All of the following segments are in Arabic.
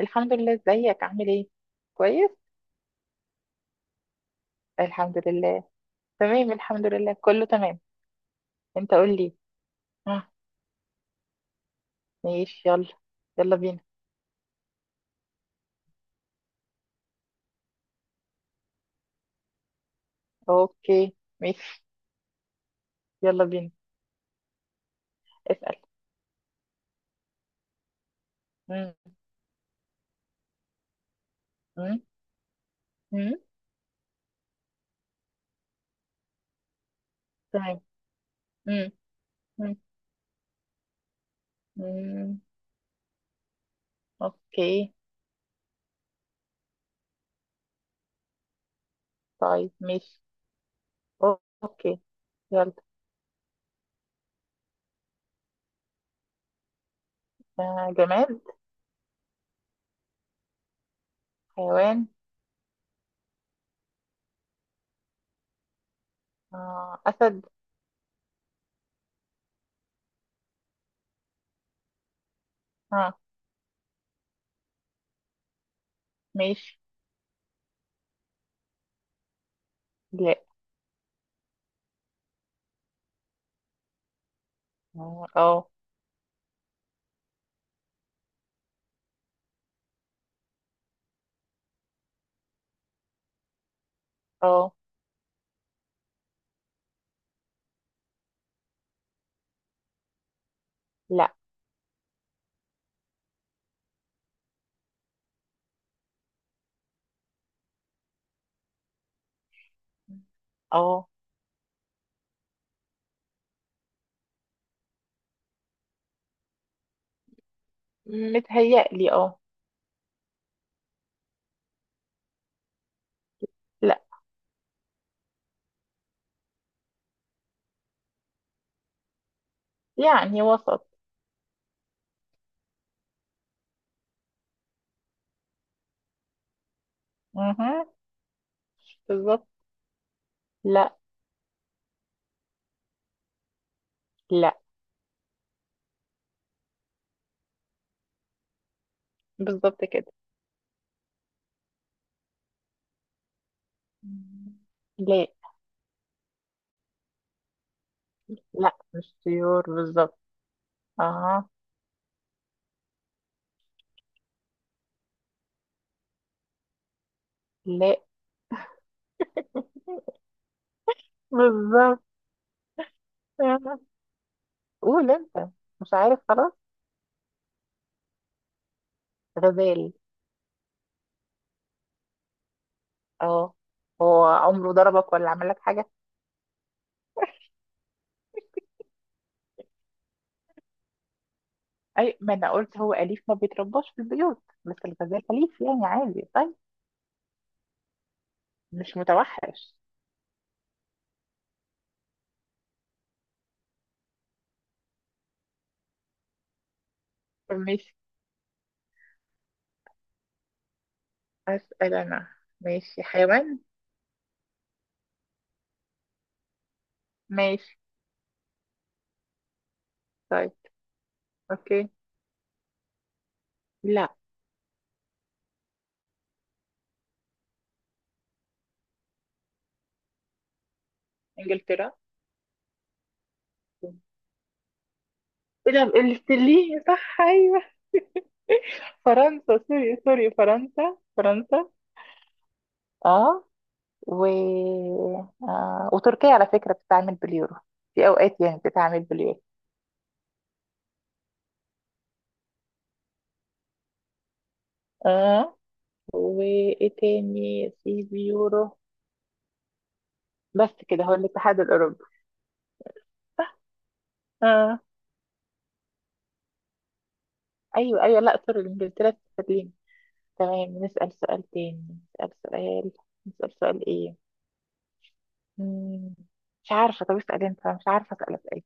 الحمد لله، ازيك عامل ايه؟ كويس الحمد لله. تمام الحمد لله، كله تمام. انت قول لي. اه ماشي يلا. يلا بينا. اوكي ماشي. يلا بينا اسأل. مم. مم. مم. تمام. مم. مم. مم. اوكي. طيب ماشي. اوكي. يلا. آه جماد. حيوان. آه اسد. اه ماشي. لا اه اه. آه. لا اه. متهيألي اه. لا. يعني وسط. اها. بالظبط. لا. لا. بالظبط كده. لا. لا مش طيور بالظبط. اها. لا. بالظبط. آه. قول انت. مش عارف خلاص. غزال. اه، هو عمره ضربك ولا عمل لك حاجة؟ اي ما انا قلت هو اليف ما بيترباش في البيوت، بس الغزال اليف يعني عادي. طيب مش متوحش. طب ماشي. أسأل أنا. ماشي حيوان. ماشي. طيب اوكي. لا. إنجلترا. ايه ده الاستليه؟ صح ايوه. فرنسا سوري سوري فرنسا فرنسا. اه. و وتركيا على فكرة بتتعامل باليورو. في اوقات يعني بتتعامل باليورو. اه، وايه تاني في بيورو؟ بس كده هو الاتحاد الاوروبي. اه. ايوه ايوه، لا سوري، انجلترا استرليني. تمام نسأل سؤال تاني. نسأل سؤال. نسأل سؤال ايه؟ مم. مش عارفة، طب اسأل انت، أنا مش عارفة اسأل اسئلة.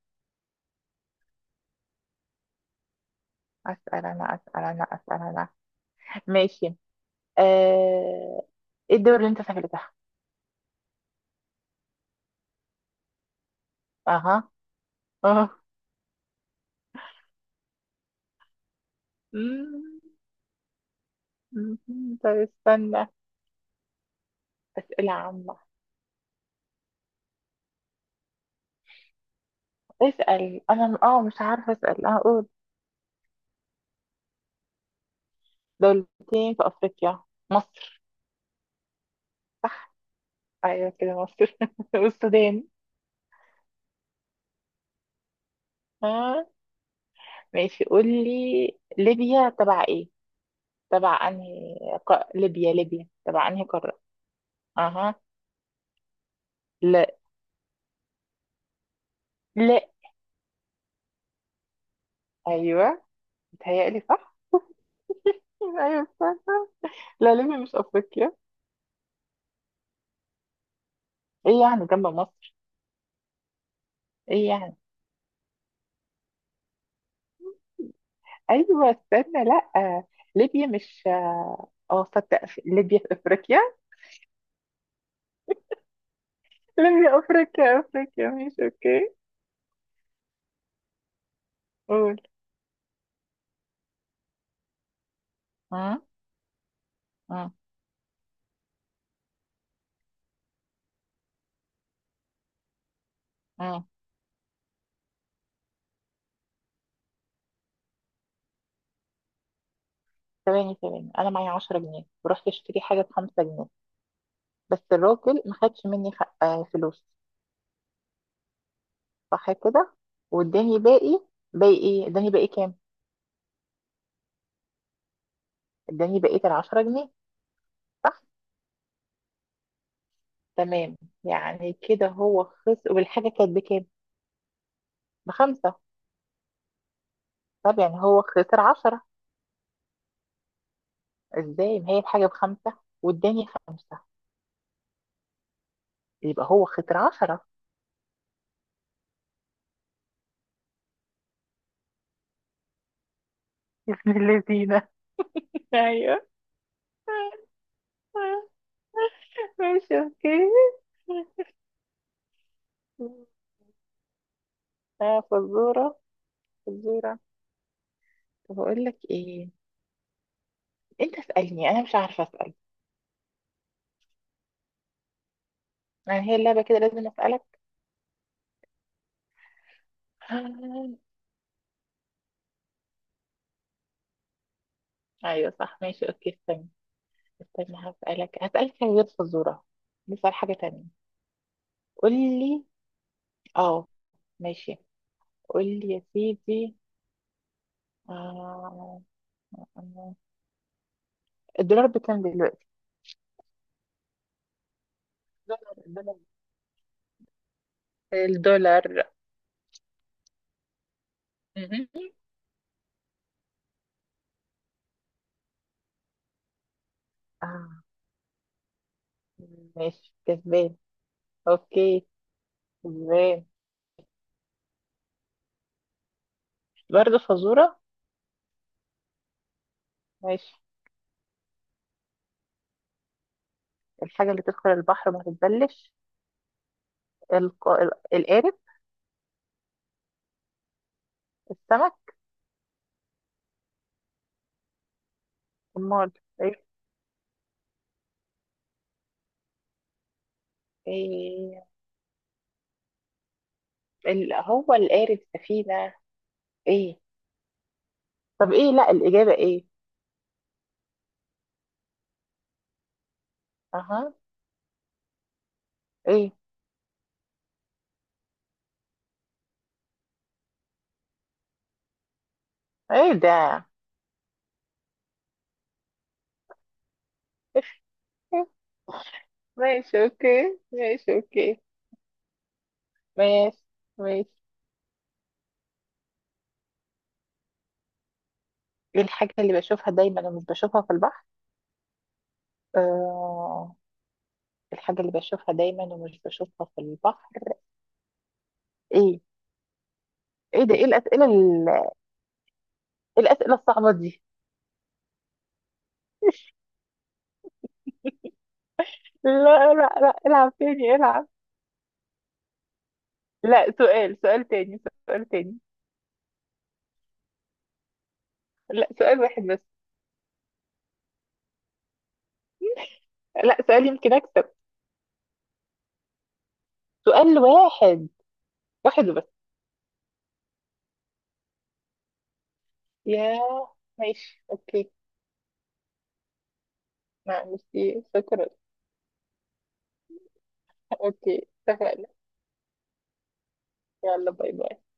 اسأل انا اسأل انا اسأل انا. ماشي. آه، ايه الدول اللي انت سافرتها؟ اها. اه. مم، مم. طب استنى. اسئله عامه. اسال انا. اه مش عارفه اسال. اه قول. دولتين في افريقيا. مصر. ايوه كده، مصر والسودان. اه ماشي. قول لي ليبيا تبع ايه، تبع انهي؟ ليبيا، ليبيا تبع انهي قاره؟ اها. لا. لا. ايوه متهيألي صح. ايوه صح. لا ليبيا مش افريقيا. ايه يعني جنب مصر؟ ايه يعني؟ ايوه استنى، لا ليبيا مش ليبيا في افريقيا. ليبيا افريقيا افريقيا، ماشي اوكي. قول. اه اه اه. ثواني ثواني، انا معايا 10 جنيه ورحت اشتري حاجه ب 5 جنيه. بس الراجل ما خدش مني فلوس. صح كده. واداني باقي. باقي ايه؟ اداني باقي كام؟ اداني بقيه ال 10 جنيه. صح. تمام. يعني كده هو خسر، والحاجه كانت بكام؟ بخمسه. طب يعني هو خسر 10؟ ازاي، ما هي الحاجة بخمسة واداني خمسة، يبقى هو خسر عشرة. بسم اللذينة. ايوه ماشي اوكي. فزورة. فزورة. طب اقول لك ايه؟ انت اسألني انا مش عارفة اسأل. يعني هي اللعبة كده لازم اسألك؟ آه، ايوه صح ماشي اوكي استنى. استنى، هسألك هسألك حاجة غير فزورة. نسأل حاجة تانية. قول لي. اه ماشي. قول لي يا سيدي. آه... الدولار بكام دلوقتي؟ الدولار. الدولار. مهم. آه. ماشي كسبان. اوكي. كسبان. برضه فزورة. ماشي. الحاجة اللي تدخل البحر ما تتبلش؟ القارب. السمك. امال ايه؟ إيه، ال... هو القارب سفينة؟ ايه؟ طب ايه، لا الإجابة ايه؟ اها. ايه؟ ايه ده؟ إيه؟ ماشي اوكي ماشي اوكي. ماشي. ماشي. ايه الحاجة اللي بشوفها دايما ومش بشوفها في البحر؟ آه... الحاجة اللي بشوفها دايما ومش بشوفها في البحر. ايه؟ ايه ده؟ ايه الأسئلة إيه الأسئلة الصعبة دي؟ لا لا لا العب تاني، العب. لا سؤال، سؤال تاني. سؤال تاني. لا سؤال واحد بس. لا سؤال، يمكن أكسب. سؤال واحد. واحد بس. يا ماشي اوكي. معلش. شكرا. اوكي اتفقنا. يلا باي باي.